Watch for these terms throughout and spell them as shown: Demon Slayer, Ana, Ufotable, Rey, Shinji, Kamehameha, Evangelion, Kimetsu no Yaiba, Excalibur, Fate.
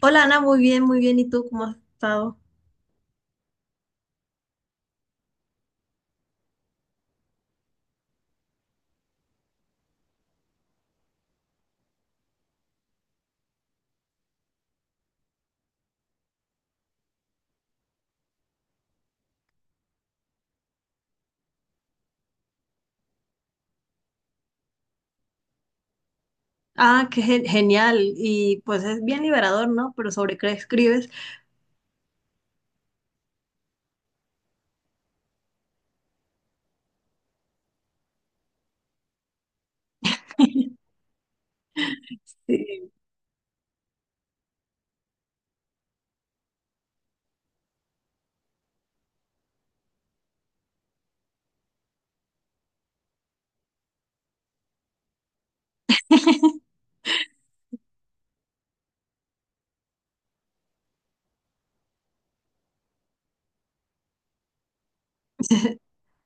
Hola Ana, muy bien, muy bien. ¿Y tú cómo has estado? Ah, qué genial. Y pues es bien liberador, ¿no? ¿Pero sobre qué escribes? Sí.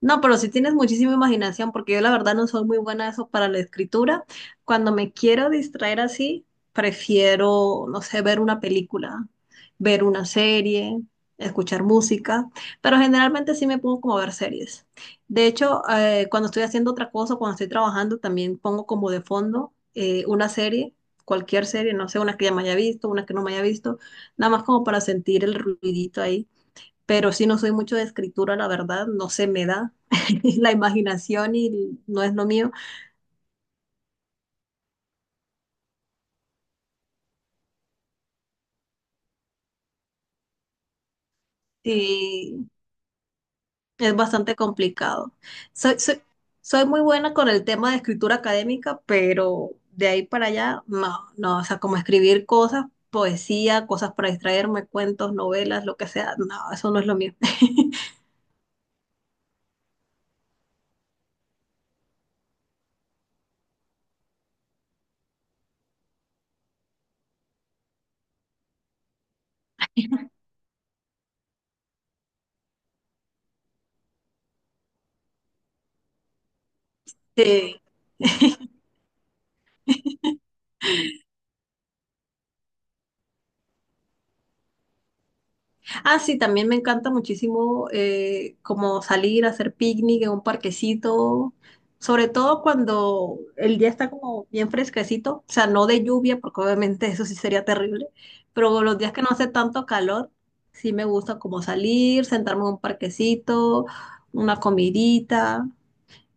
No, pero si tienes muchísima imaginación, porque yo la verdad no soy muy buena eso para la escritura. Cuando me quiero distraer así, prefiero, no sé, ver una película, ver una serie, escuchar música, pero generalmente sí me pongo como a ver series. De hecho, cuando estoy haciendo otra cosa, cuando estoy trabajando, también pongo como de fondo una serie, cualquier serie, no sé, una que ya me haya visto, una que no me haya visto, nada más como para sentir el ruidito ahí, pero sí no soy mucho de escritura, la verdad, no se me da la imaginación y no es lo mío, y es bastante complicado. Soy, soy, soy muy buena con el tema de escritura académica, pero de ahí para allá, no, no, o sea, como escribir cosas, poesía, cosas para distraerme, cuentos, novelas, lo que sea, no, eso no es lo mío. Eh, Ah, sí, también me encanta muchísimo como salir a hacer picnic en un parquecito, sobre todo cuando el día está como bien fresquecito, o sea, no de lluvia, porque obviamente eso sí sería terrible, pero los días que no hace tanto calor, sí me gusta como salir, sentarme en un parquecito, una comidita,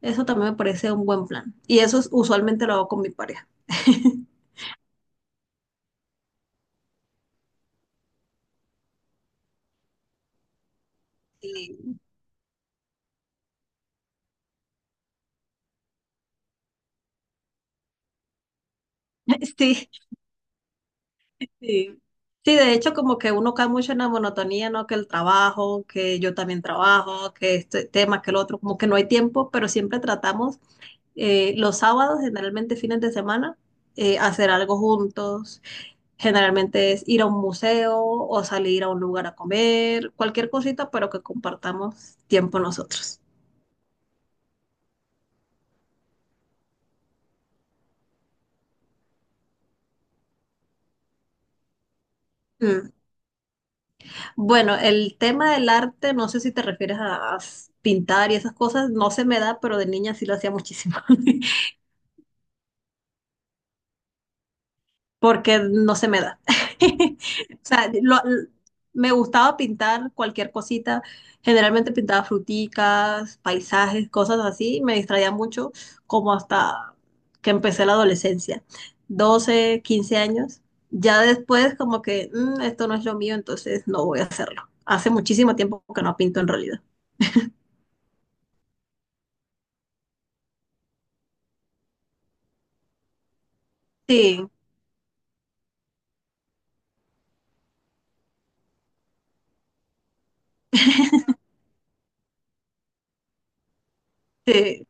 eso también me parece un buen plan. Y usualmente lo hago con mi pareja. Sí, Sí. Sí, de hecho, como que uno cae mucho en la monotonía, ¿no? Que el trabajo, que yo también trabajo, que este tema, que el otro, como que no hay tiempo, pero siempre tratamos los sábados, generalmente fines de semana, hacer algo juntos. Generalmente es ir a un museo o salir a un lugar a comer, cualquier cosita, pero que compartamos tiempo nosotros. Mm. Bueno, el tema del arte, no sé si te refieres a pintar y esas cosas, no se me da, pero de niña sí lo hacía muchísimo. Porque no se me da. O sea, me gustaba pintar cualquier cosita, generalmente pintaba fruticas, paisajes, cosas así, me distraía mucho como hasta que empecé la adolescencia, 12 15 años. Ya después como que "Mm, esto no es lo mío, entonces no voy a hacerlo". Hace muchísimo tiempo que no pinto en realidad. Sí, sí.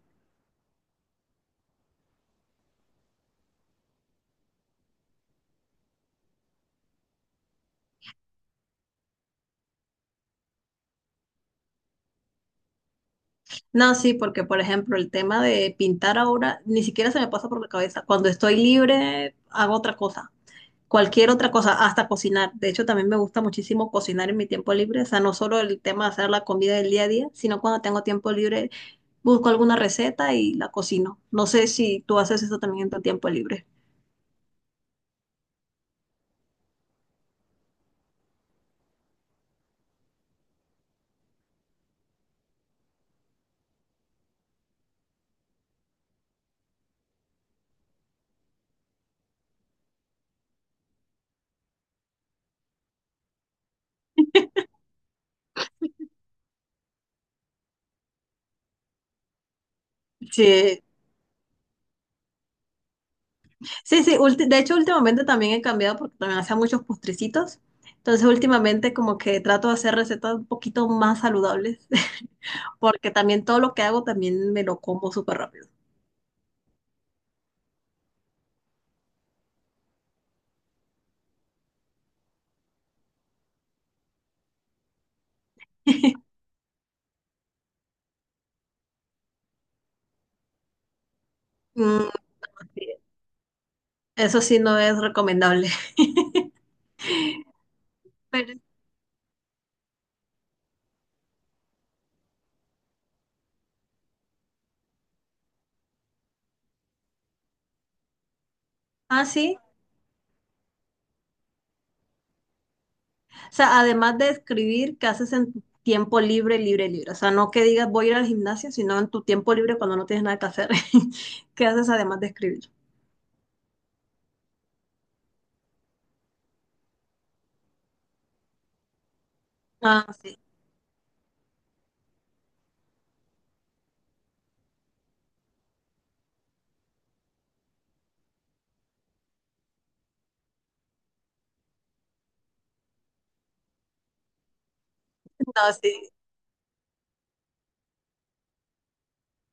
No, sí, porque por ejemplo el tema de pintar ahora ni siquiera se me pasa por la cabeza. Cuando estoy libre hago otra cosa, cualquier otra cosa, hasta cocinar. De hecho, también me gusta muchísimo cocinar en mi tiempo libre, o sea, no solo el tema de hacer la comida del día a día, sino cuando tengo tiempo libre, busco alguna receta y la cocino. No sé si tú haces eso también en tu tiempo libre. Sí, sí, de hecho últimamente también he cambiado porque también hacía muchos postrecitos. Entonces últimamente como que trato de hacer recetas un poquito más saludables porque también todo lo que hago también me lo como súper rápido. Mm, sí. Eso sí no es recomendable. Pero, ah, sí. O sea, además de escribir, ¿qué haces en tu tiempo libre, libre, libre? O sea, no que digas voy a ir al gimnasio, sino en tu tiempo libre cuando no tienes nada que hacer. ¿Qué haces además de escribir? Ah, sí. No, sí.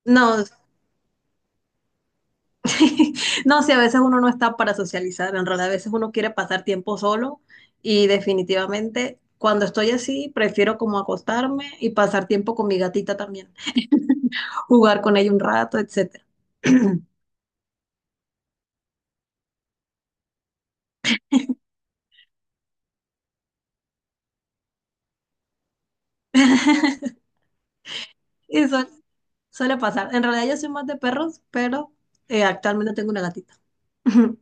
No, no, sí, a veces uno no está para socializar, en realidad a veces uno quiere pasar tiempo solo y definitivamente cuando estoy así prefiero como acostarme y pasar tiempo con mi gatita también, jugar con ella un rato, etcétera. Y suele pasar. En realidad yo soy más de perros, pero actualmente tengo una gatita.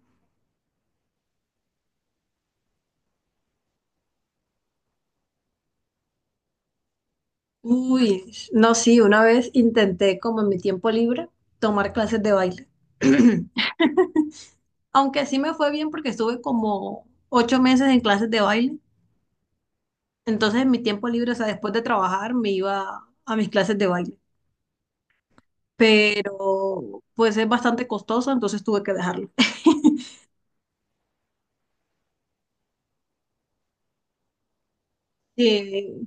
Uy, no, sí, una vez intenté como en mi tiempo libre tomar clases de baile. Aunque sí me fue bien porque estuve como 8 meses en clases de baile. Entonces en mi tiempo libre, o sea, después de trabajar me iba a mis clases de baile. Pero pues es bastante costoso, entonces tuve que dejarlo. Eh,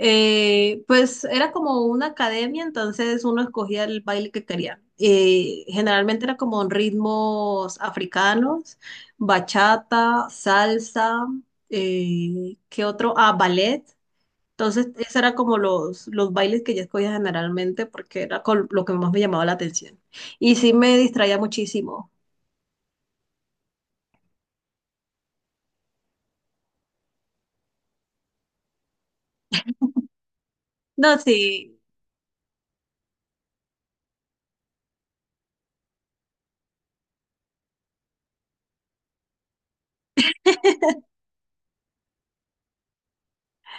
pues era como una academia, entonces uno escogía el baile que quería. Generalmente era como en ritmos africanos, bachata, salsa, ¿qué otro? Ah, ballet. Entonces, esos eran como los bailes que yo escogía generalmente porque era con lo que más me llamaba la atención. Y sí me distraía muchísimo. No, sí.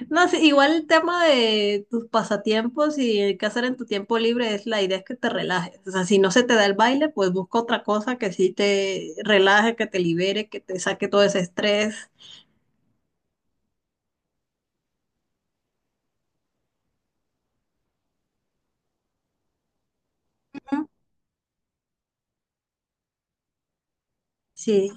No, sí, igual el tema de tus pasatiempos y el qué hacer en tu tiempo libre es la idea es que te relajes. O sea, si no se te da el baile, pues busca otra cosa que sí te relaje, que te libere, que te saque todo ese estrés. Ujú. Sí.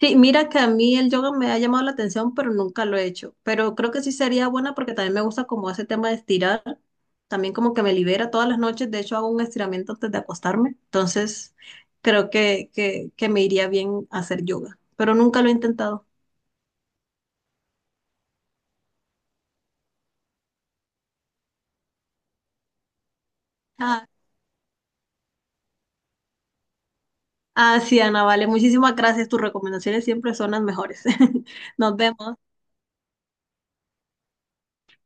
Sí, mira que a mí el yoga me ha llamado la atención, pero nunca lo he hecho. Pero creo que sí sería buena porque también me gusta como ese tema de estirar. También como que me libera todas las noches. De hecho, hago un estiramiento antes de acostarme. Entonces, creo que me iría bien hacer yoga. Pero nunca lo he intentado. Ah, sí, Ana, vale. Muchísimas gracias. Tus recomendaciones siempre son las mejores. Nos vemos.